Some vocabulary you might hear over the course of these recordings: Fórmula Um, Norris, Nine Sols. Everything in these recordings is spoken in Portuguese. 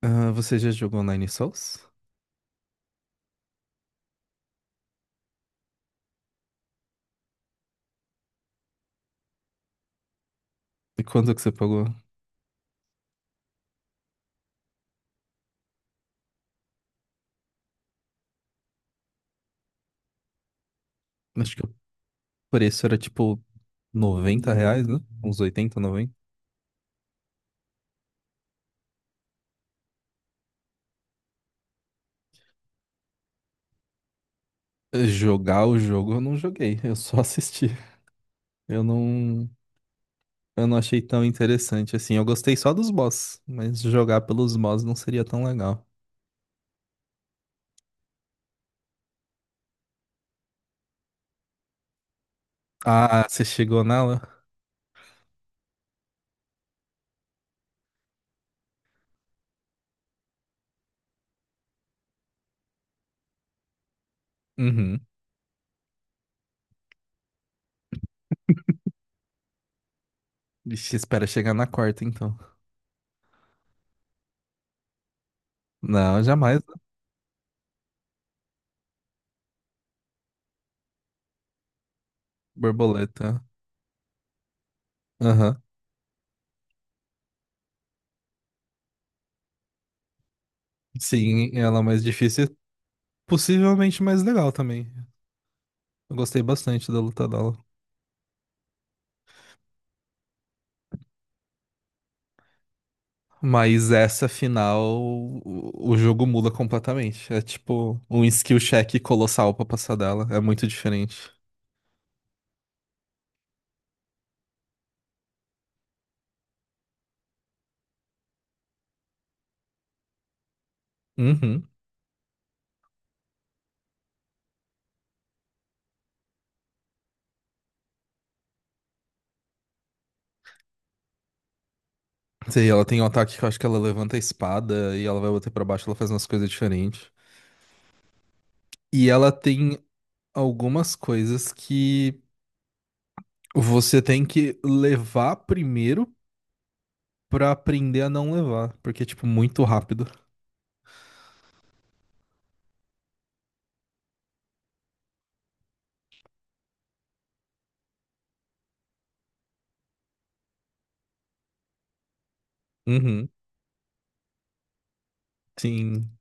Ah, você já jogou Nine Sols? E quanto que você pagou? Acho que o preço era tipo R$ 90, né? Uns 80, 90. Jogar o jogo eu não joguei, eu só assisti. Eu não, eu não achei tão interessante assim. Eu gostei só dos boss, mas jogar pelos boss não seria tão legal. Ah, você chegou nela? Uhum. Vixe, espera chegar na quarta então. Não, jamais, né? Borboleta. Aham. Sim, ela é mais difícil e possivelmente mais legal também. Eu gostei bastante da luta dela. Mas essa final, o jogo muda completamente. É tipo um skill check colossal pra passar dela. É muito diferente. Uhum. Sei, ela tem um ataque que eu acho que ela levanta a espada e ela vai bater pra baixo, ela faz umas coisas diferentes. E ela tem algumas coisas que você tem que levar primeiro pra aprender a não levar, porque é tipo muito rápido. Uhum. Sim.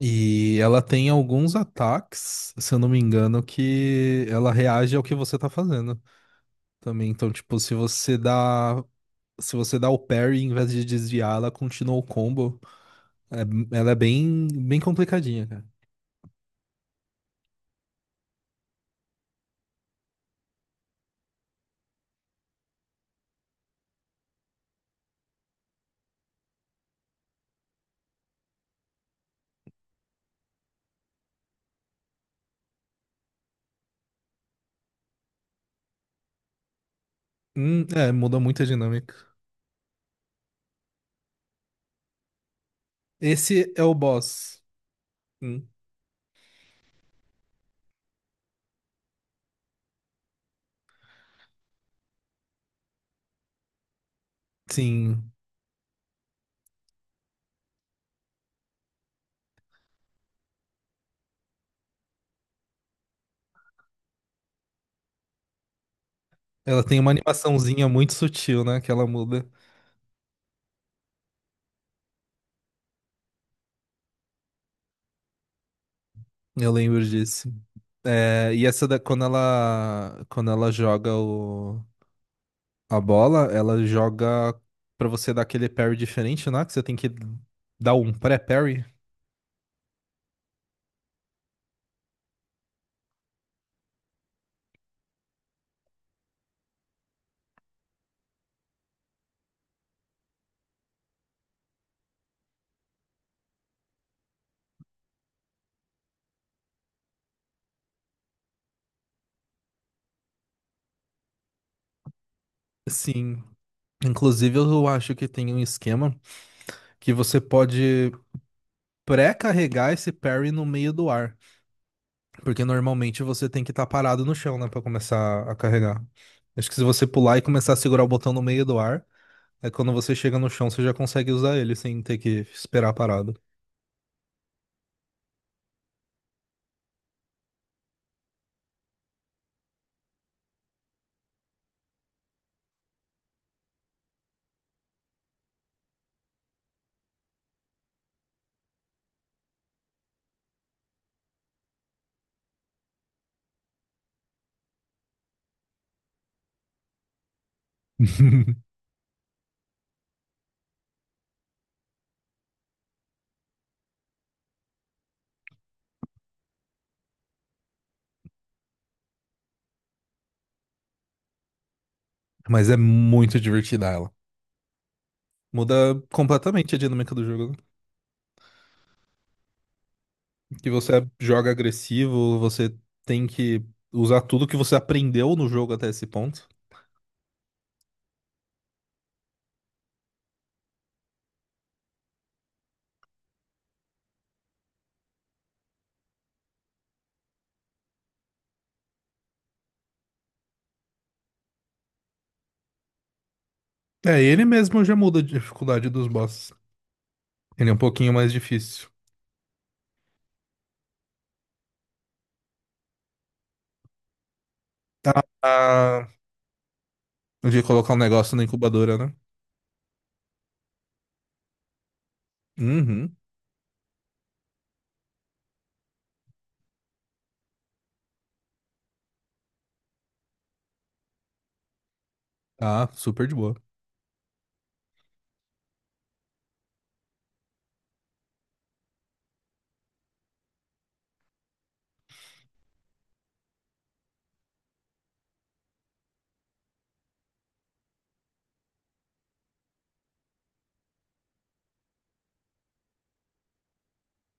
E ela tem alguns ataques, se eu não me engano, que ela reage ao que você tá fazendo também. Então, tipo, se você dá o parry em vez de desviar, ela continua o combo. Ela é bem, bem complicadinha, cara. Muda muito a dinâmica. Esse é o boss. Hum, sim. Ela tem uma animaçãozinha muito sutil, né? Que ela muda. Eu lembro disso. É, e essa da, quando ela joga a bola, ela joga pra você dar aquele parry diferente, né? Que você tem que dar um pré-parry. Sim. Inclusive, eu acho que tem um esquema que você pode pré-carregar esse parry no meio do ar. Porque normalmente você tem que estar parado no chão, né? Pra começar a carregar. Acho que se você pular e começar a segurar o botão no meio do ar, é quando você chega no chão, você já consegue usar ele sem ter que esperar parado. Mas é muito divertida ela. Muda completamente a dinâmica do jogo, né? Que você joga agressivo, você tem que usar tudo que você aprendeu no jogo até esse ponto. É, ele mesmo já muda a dificuldade dos bosses. Ele é um pouquinho mais difícil. Tá. De colocar um negócio na incubadora, né? Uhum. Tá, super de boa.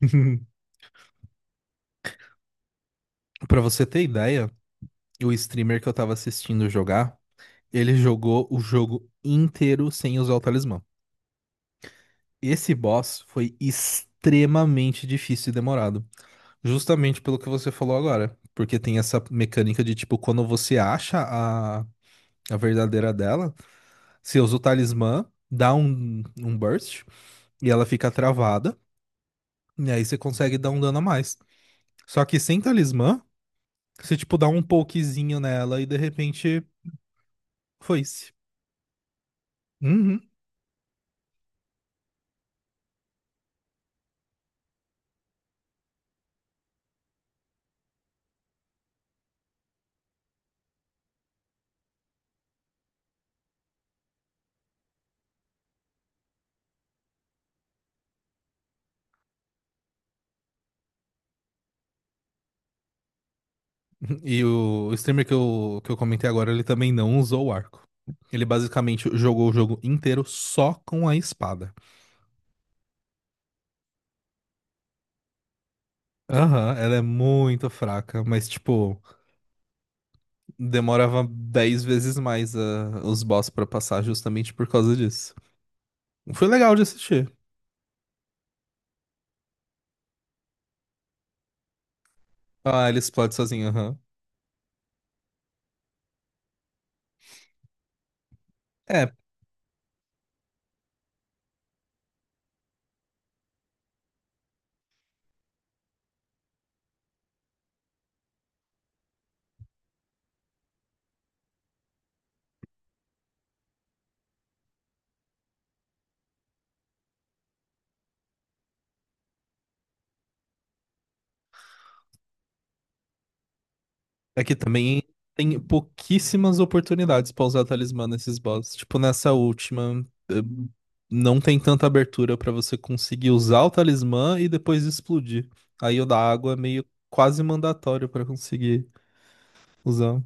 Pra você ter ideia, o streamer que eu tava assistindo jogar, ele jogou o jogo inteiro sem usar o talismã. Esse boss foi extremamente difícil e demorado. Justamente pelo que você falou agora. Porque tem essa mecânica de, tipo, quando você acha a verdadeira dela, você usa o talismã, dá um burst e ela fica travada. E aí você consegue dar um dano a mais. Só que sem talismã, você, tipo, dá um pokezinho nela e de repente foi-se. Uhum. E o streamer que eu comentei agora, ele também não usou o arco. Ele basicamente jogou o jogo inteiro só com a espada. Aham, ela é muito fraca, mas, tipo, demorava 10 vezes mais os boss pra passar justamente por causa disso. Foi legal de assistir. Ah, ele explode sozinho, aham. É, aqui também tem pouquíssimas oportunidades pra usar talismã nesses bosses. Tipo, nessa última, não tem tanta abertura pra você conseguir usar o talismã e depois explodir. Aí o da água é meio quase mandatório pra conseguir usar.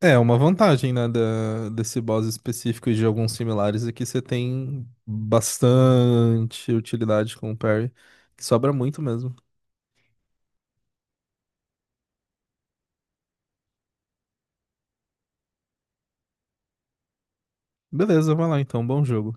É, é uma vantagem, né, desse boss específico e de alguns similares é que você tem bastante utilidade com o parry, que sobra muito mesmo. Beleza, vai lá então, bom jogo.